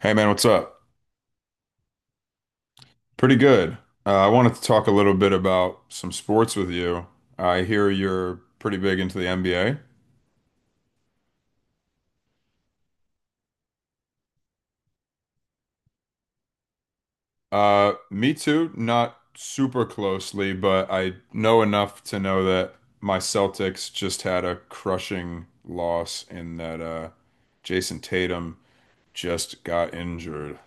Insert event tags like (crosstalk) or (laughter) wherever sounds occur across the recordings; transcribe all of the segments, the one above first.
Hey man, what's up? Pretty good. I wanted to talk a little bit about some sports with you. I hear you're pretty big into the NBA. Me too, not super closely, but I know enough to know that my Celtics just had a crushing loss in that Jason Tatum just got injured.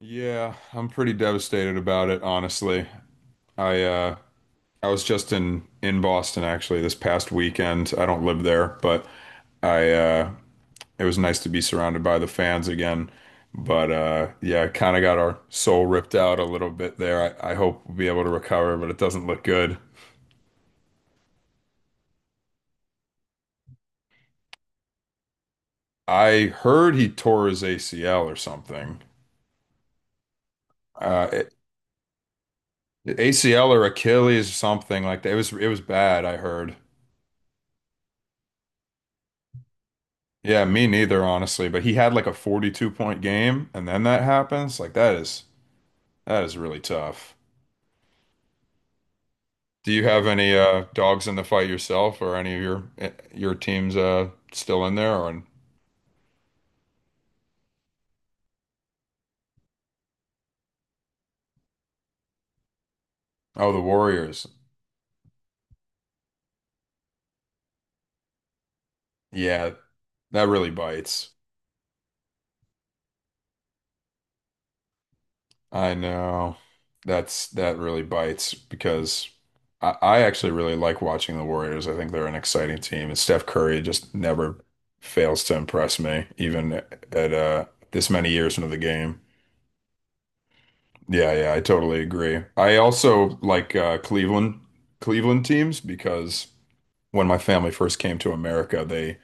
Yeah, I'm pretty devastated about it, honestly. I uh, I was just in Boston actually this past weekend. I don't live there, but I it was nice to be surrounded by the fans again. But yeah, kind of got our soul ripped out a little bit there. I hope we'll be able to recover, but it doesn't look good. I heard he tore his ACL or something. Uh it, ACL or Achilles or something like that. It was bad, I heard. Yeah, me neither, honestly, but he had like a 42 point game and then that happens. Like that is really tough. Do you have any dogs in the fight yourself, or any of your your teams still in there? Or in… Oh, the Warriors. Yeah, that really bites. I know. That's that really bites because I actually really like watching the Warriors. I think they're an exciting team, and Steph Curry just never fails to impress me, even at this many years into the game. Yeah, yeah, I totally agree. I also like Cleveland teams because when my family first came to America, they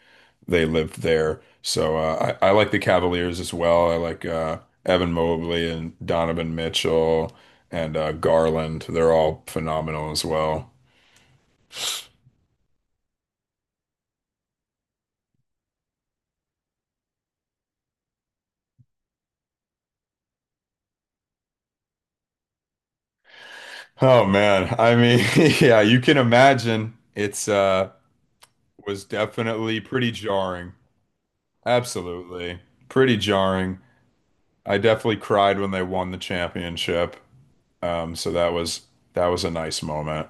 they lived there. So I like the Cavaliers as well. I like Evan Mobley and Donovan Mitchell and Garland. They're all phenomenal as well. Oh man, I mean, (laughs) yeah, you can imagine it's was definitely pretty jarring. Absolutely. Pretty jarring. I definitely cried when they won the championship. So that was a nice moment.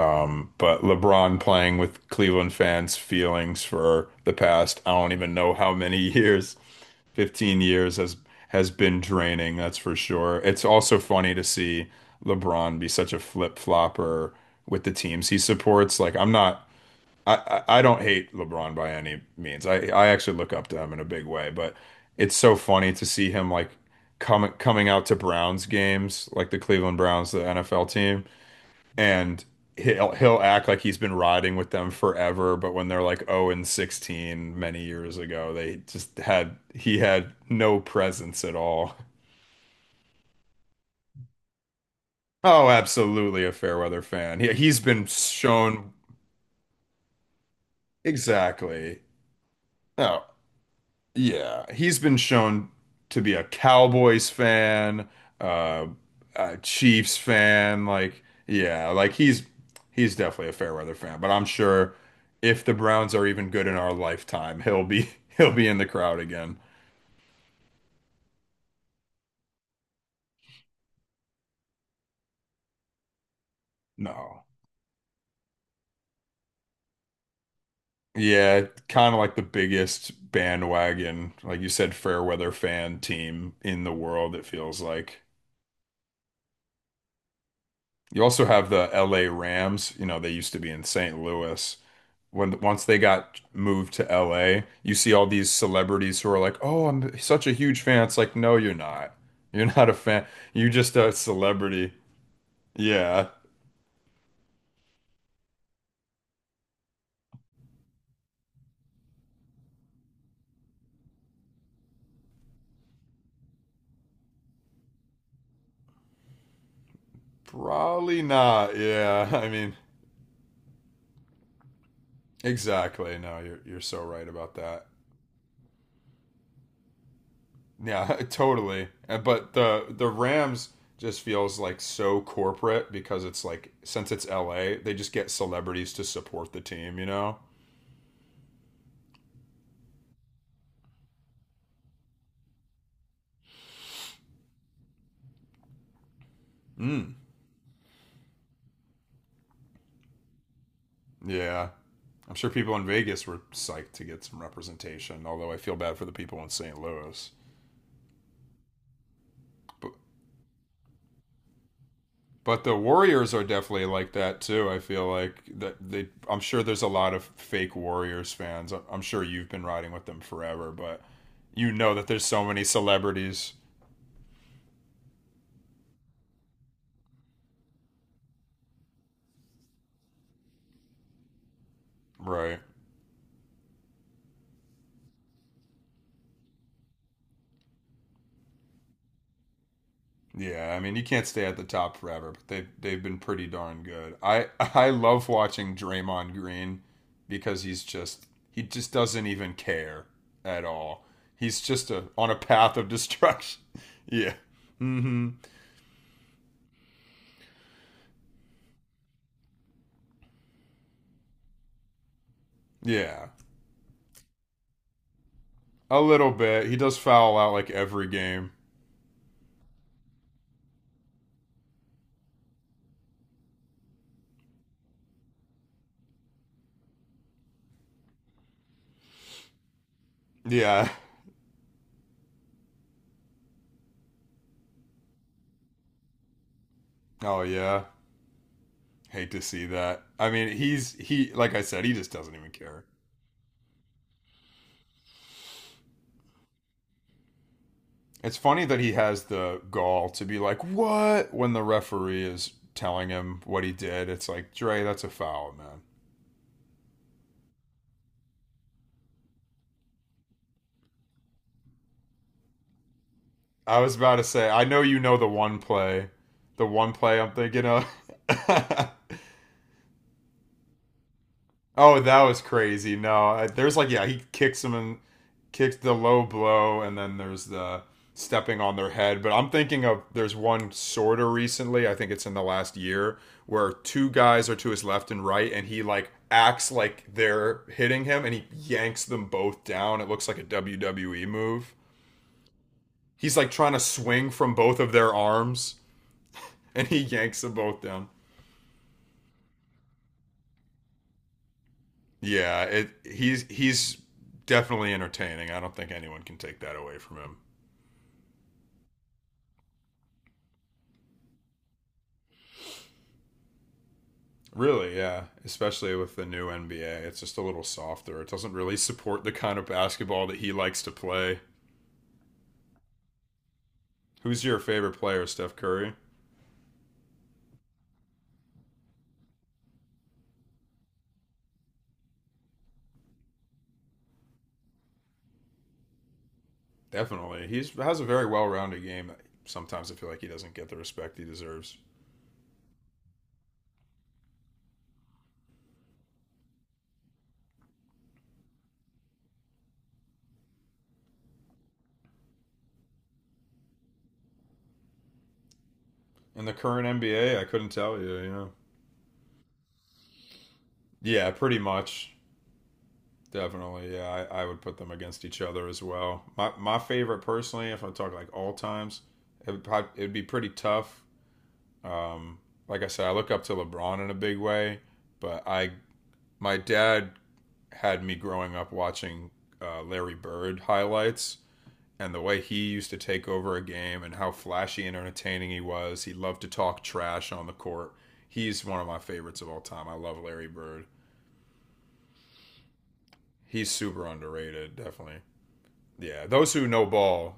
But LeBron playing with Cleveland fans' feelings for the past, I don't even know how many (laughs) years, 15 years has been draining, that's for sure. It's also funny to see LeBron be such a flip-flopper with the teams he supports. Like I'm not I, I don't hate LeBron by any means. I actually look up to him in a big way, but it's so funny to see him like coming out to Browns games, like the Cleveland Browns, the NFL team, and he'll act like he's been riding with them forever, but when they're like 0 and 16 many years ago, they just had he had no presence at all. Oh, absolutely a Fairweather fan. He's been shown exactly. Oh, Yeah, he's been shown to be a Cowboys fan, uh, a Chiefs fan. Like, yeah, like he's definitely a fair weather fan. But I'm sure if the Browns are even good in our lifetime, he'll be (laughs) he'll be in the crowd again. No, yeah, kind of like the biggest bandwagon, like you said, fair weather fan team in the world. It feels like. You also have the LA Rams. You know, they used to be in St. Louis. When Once they got moved to LA, you see all these celebrities who are like, "Oh, I'm such a huge fan." It's like, "No, you're not. You're not a fan. You're just a celebrity." Yeah. Probably not. Yeah. (laughs) I mean, exactly. No, you're so right about that. Yeah, (laughs) totally. But the Rams just feels like so corporate because it's like since it's LA, they just get celebrities to support the team, you know? Mm. Yeah. I'm sure people in Vegas were psyched to get some representation, although I feel bad for the people in St. Louis. But but the Warriors are definitely like that too. I feel like that they I'm sure there's a lot of fake Warriors fans. I'm sure you've been riding with them forever, but you know that there's so many celebrities. Right. Yeah, I mean you can't stay at the top forever, but they've been pretty darn good. I love watching Draymond Green because he just doesn't even care at all. He's just on a path of destruction. (laughs) yeah. Mm-hmm. Yeah. A little bit. He does foul out like every game. Yeah. Oh yeah. Hate to see that. I mean, he like I said, he just doesn't even care. It's funny that he has the gall to be like, "What?" when the referee is telling him what he did. It's like, "Dre, that's a foul, man." I was about to say, I know you know the one play I'm thinking of. (laughs) Oh, that was crazy. No, I- There's like yeah, he kicks him and kicks the low blow, and then there's the stepping on their head. But I'm thinking of there's one sort of recently. I think it's in the last year where two guys are to his left and right, and he like acts like they're hitting him, and he yanks them both down. It looks like a WWE move. He's like trying to swing from both of their arms, and he (laughs) yanks them both down. Yeah, it, he's definitely entertaining. I don't think anyone can take that away from him. Really, yeah. Especially with the new NBA, it's just a little softer. It doesn't really support the kind of basketball that he likes to play. Who's your favorite player, Steph Curry? Definitely. He has a very well-rounded game. Sometimes I feel like he doesn't get the respect he deserves. In the current NBA, I couldn't tell you, you know. Yeah, pretty much. Definitely, yeah. I would put them against each other as well. My favorite personally, if I talk like all times, it'd be pretty tough. Um, like I said, I look up to LeBron in a big way, but I my dad had me growing up watching Larry Bird highlights and the way he used to take over a game and how flashy and entertaining he was. He loved to talk trash on the court. He's one of my favorites of all time. I love Larry Bird. He's super underrated, definitely. Yeah, those who know ball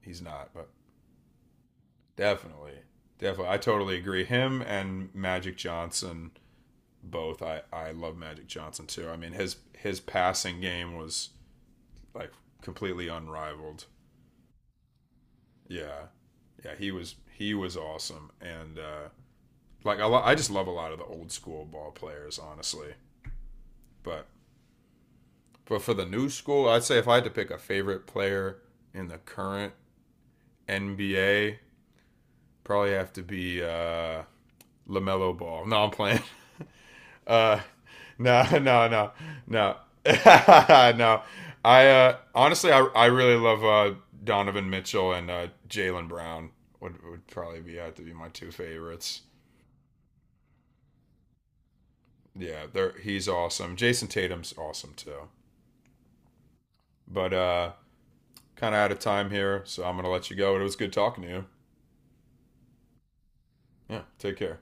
he's not, but definitely, definitely, I totally agree. Him and Magic Johnson both. I love Magic Johnson too. I mean his passing game was like completely unrivaled. Yeah, yeah, he was awesome, and I just love a lot of the old school ball players, honestly. But but for the new school, I'd say if I had to pick a favorite player in the current NBA, probably have to be Lamelo Ball. No, I'm playing. (laughs) Uh, (laughs) no, no, no, no, (laughs) no. I honestly, I really love Donovan Mitchell and Jalen Brown would probably be have to be my two favorites. He's awesome. Jason Tatum's awesome too. But kind of out of time here, so I'm gonna let you go. It was good talking to you. Yeah, take care.